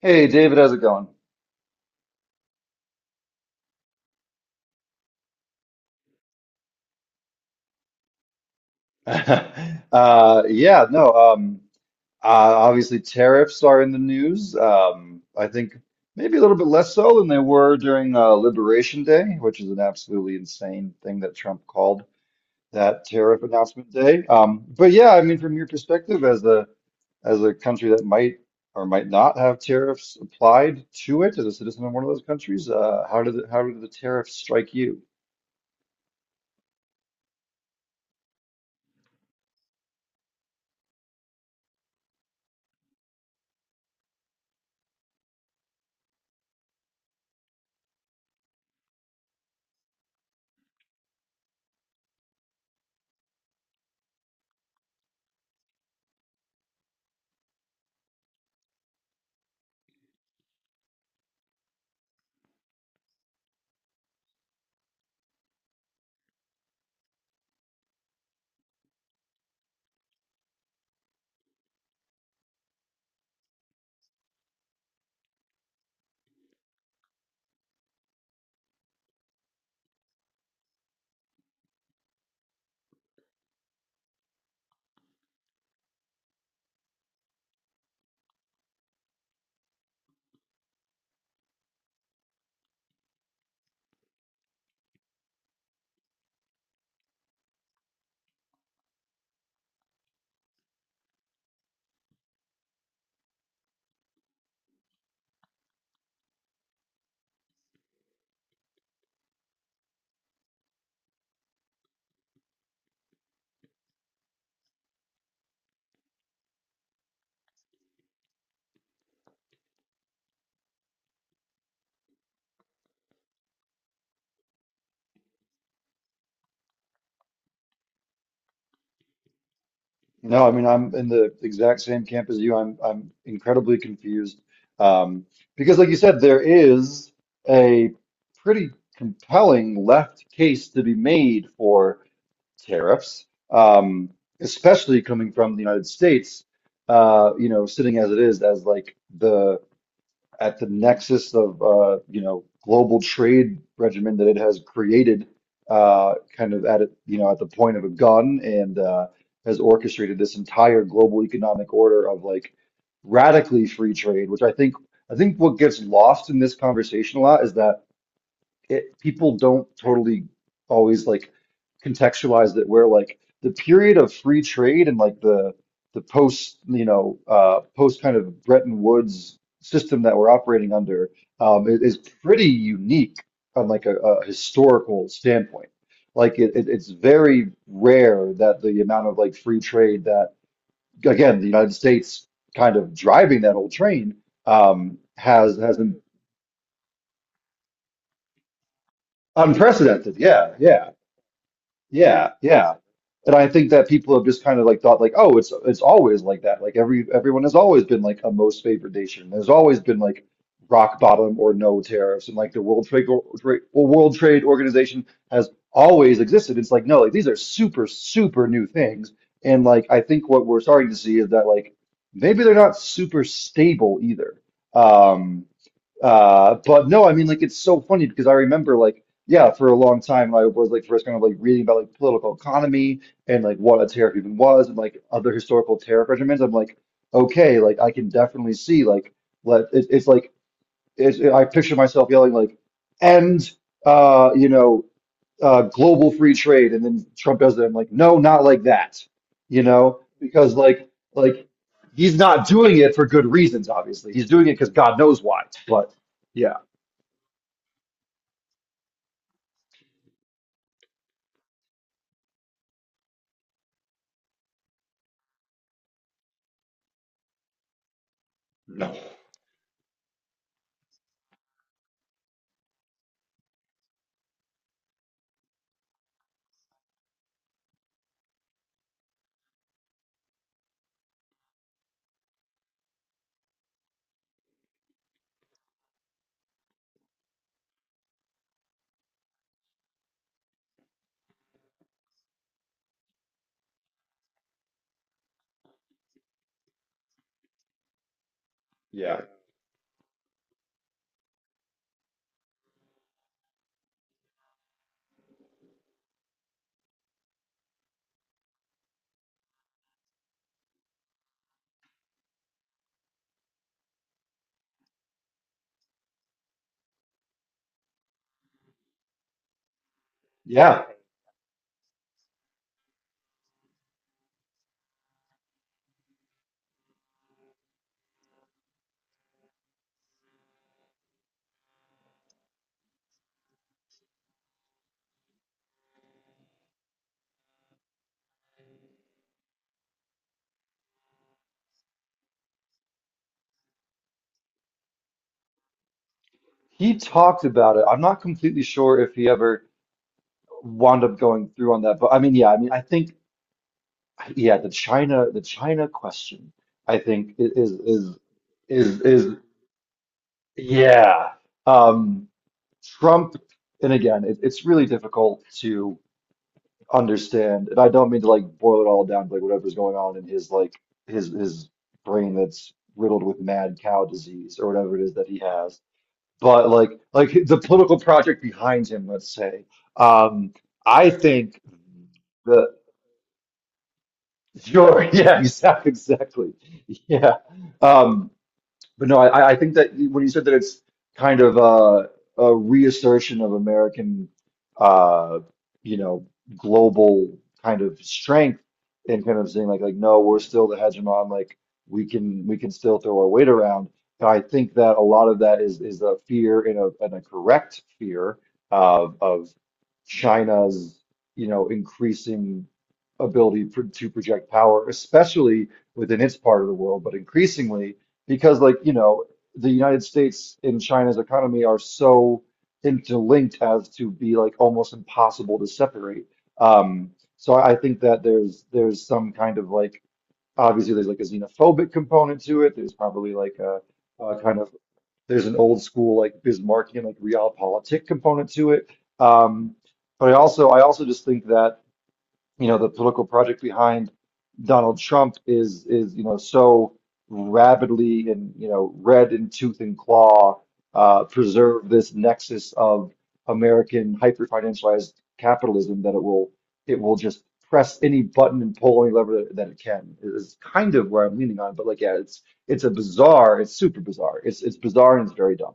Hey David, how's it going? Yeah, no, uh, obviously tariffs are in the news. I think maybe a little bit less so than they were during Liberation Day, which is an absolutely insane thing that Trump called that tariff announcement day. But yeah, I mean, from your perspective as a country that might or might not have tariffs applied to it as a citizen of one of those countries, how did how did the tariffs strike you? No, I mean, I'm in the exact same camp as you. I'm incredibly confused. Um, because like you said, there is a pretty compelling left case to be made for tariffs, um, especially coming from the United States, you know, sitting as it is as like the at the nexus of you know, global trade regimen that it has created, kind of at it, you know, at the point of a gun, and has orchestrated this entire global economic order of like radically free trade, which I think what gets lost in this conversation a lot is that it people don't totally always like contextualize that, where like the period of free trade and like the post, you know, post kind of Bretton Woods system that we're operating under is pretty unique on like a historical standpoint. Like it's very rare that the amount of like free trade that, again, the United States kind of driving that whole train has been unprecedented. Yeah, yeah. Yeah, yeah. And I think that people have just kind of like thought like, oh, it's always like that. Like everyone has always been like a most favored nation. There's always been like rock bottom or no tariffs, and like the World Trade Or- Trade- or World Trade Organization has always existed. It's like no, like these are super super new things. And like I think what we're starting to see is that like maybe they're not super stable either. Um, but no, I mean, like, it's so funny because I remember, like, yeah, for a long time, I was like first kind of like reading about like political economy and like what a tariff even was and like other historical tariff regimens. I'm like, okay, like I can definitely see like it's like it's, I picture myself yelling like end, you know, global free trade, and then Trump does it. I'm like, no, not like that, you know, because like he's not doing it for good reasons, obviously. He's doing it because God knows why, but. Yeah. No. Yeah. Yeah. He talked about it. I'm not completely sure if he ever wound up going through on that, but I mean, yeah, I mean, I think, yeah, the China question, I think is yeah. Um, Trump, and again, it's really difficult to understand, and I don't mean to like boil it all down to like whatever's going on in his like his brain that's riddled with mad cow disease or whatever it is that he has, but like the political project behind him, let's say. Um, I think the sure, yeah, exactly, exactly, yeah. Um, but no, I think that when you said that it's kind of a reassertion of American, uh, you know, global kind of strength and kind of saying like, no, we're still the hegemon, like we can still throw our weight around. And I think that a lot of that is a fear and a correct fear of China's, you know, increasing to project power, especially within its part of the world, but increasingly because like, you know, the United States and China's economy are so interlinked as to be like almost impossible to separate. Um, so I think that there's some kind of like, obviously there's like a xenophobic component to it. There's probably like a kind of, there's an old school like Bismarckian like realpolitik component to it. Um, but I also, I also just think that, you know, the political project behind Donald Trump is, you know, so rabidly and, you know, red in tooth and claw, preserve this nexus of American hyper financialized capitalism, that it will, it will just press any button and pull any lever that, that it can, is kind of where I'm leaning on. But like, yeah, it's a bizarre, it's super bizarre. It's bizarre and it's very dumb.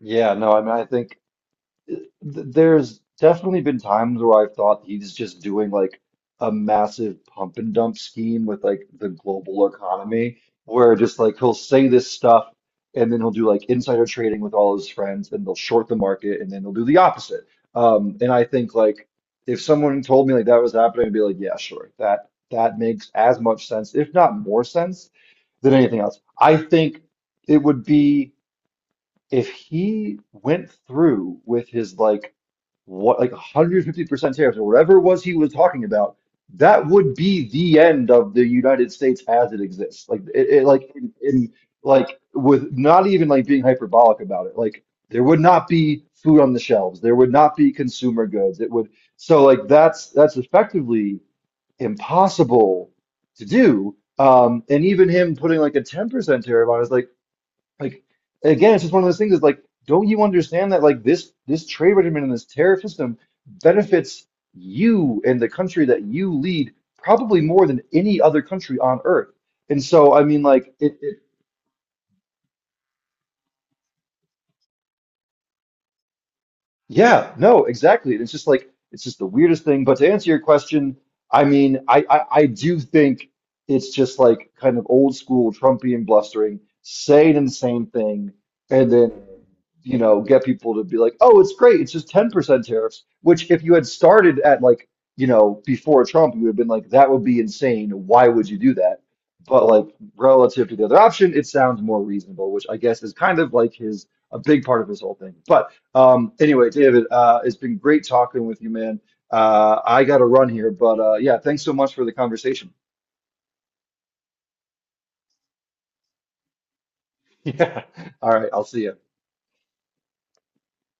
Yeah, no, I mean, there's definitely been times where I've thought he's just doing like a massive pump and dump scheme with like the global economy, where just like he'll say this stuff and then he'll do like insider trading with all his friends, then they'll short the market and then he'll do the opposite. And I think like if someone told me like that was happening, I'd be like, yeah, sure, that makes as much sense, if not more sense than anything else. I think it would be, if he went through with his like what like 150% tariffs or whatever it was he was talking about, that would be the end of the United States as it exists. Like it like in like with, not even like being hyperbolic about it. Like there would not be food on the shelves. There would not be consumer goods. It would, so like that's effectively impossible to do. And even him putting like a 10% tariff on is like like again, it's just one of those things is like, don't you understand that like this trade regimen and this tariff system benefits you and the country that you lead probably more than any other country on earth. And so I mean like it Yeah, no, exactly. And it's just like it's just the weirdest thing. But to answer your question, I mean, I do think it's just like kind of old school Trumpian blustering, say an insane thing, and then, you know, get people to be like, oh, it's great, it's just 10% tariffs. Which if you had started at like, you know, before Trump, you would have been like, that would be insane. Why would you do that? But like, relative to the other option, it sounds more reasonable, which I guess is kind of like his a big part of his whole thing. But anyway, David, it's been great talking with you, man. I got to run here, but yeah, thanks so much for the conversation. Yeah. All right, I'll see you.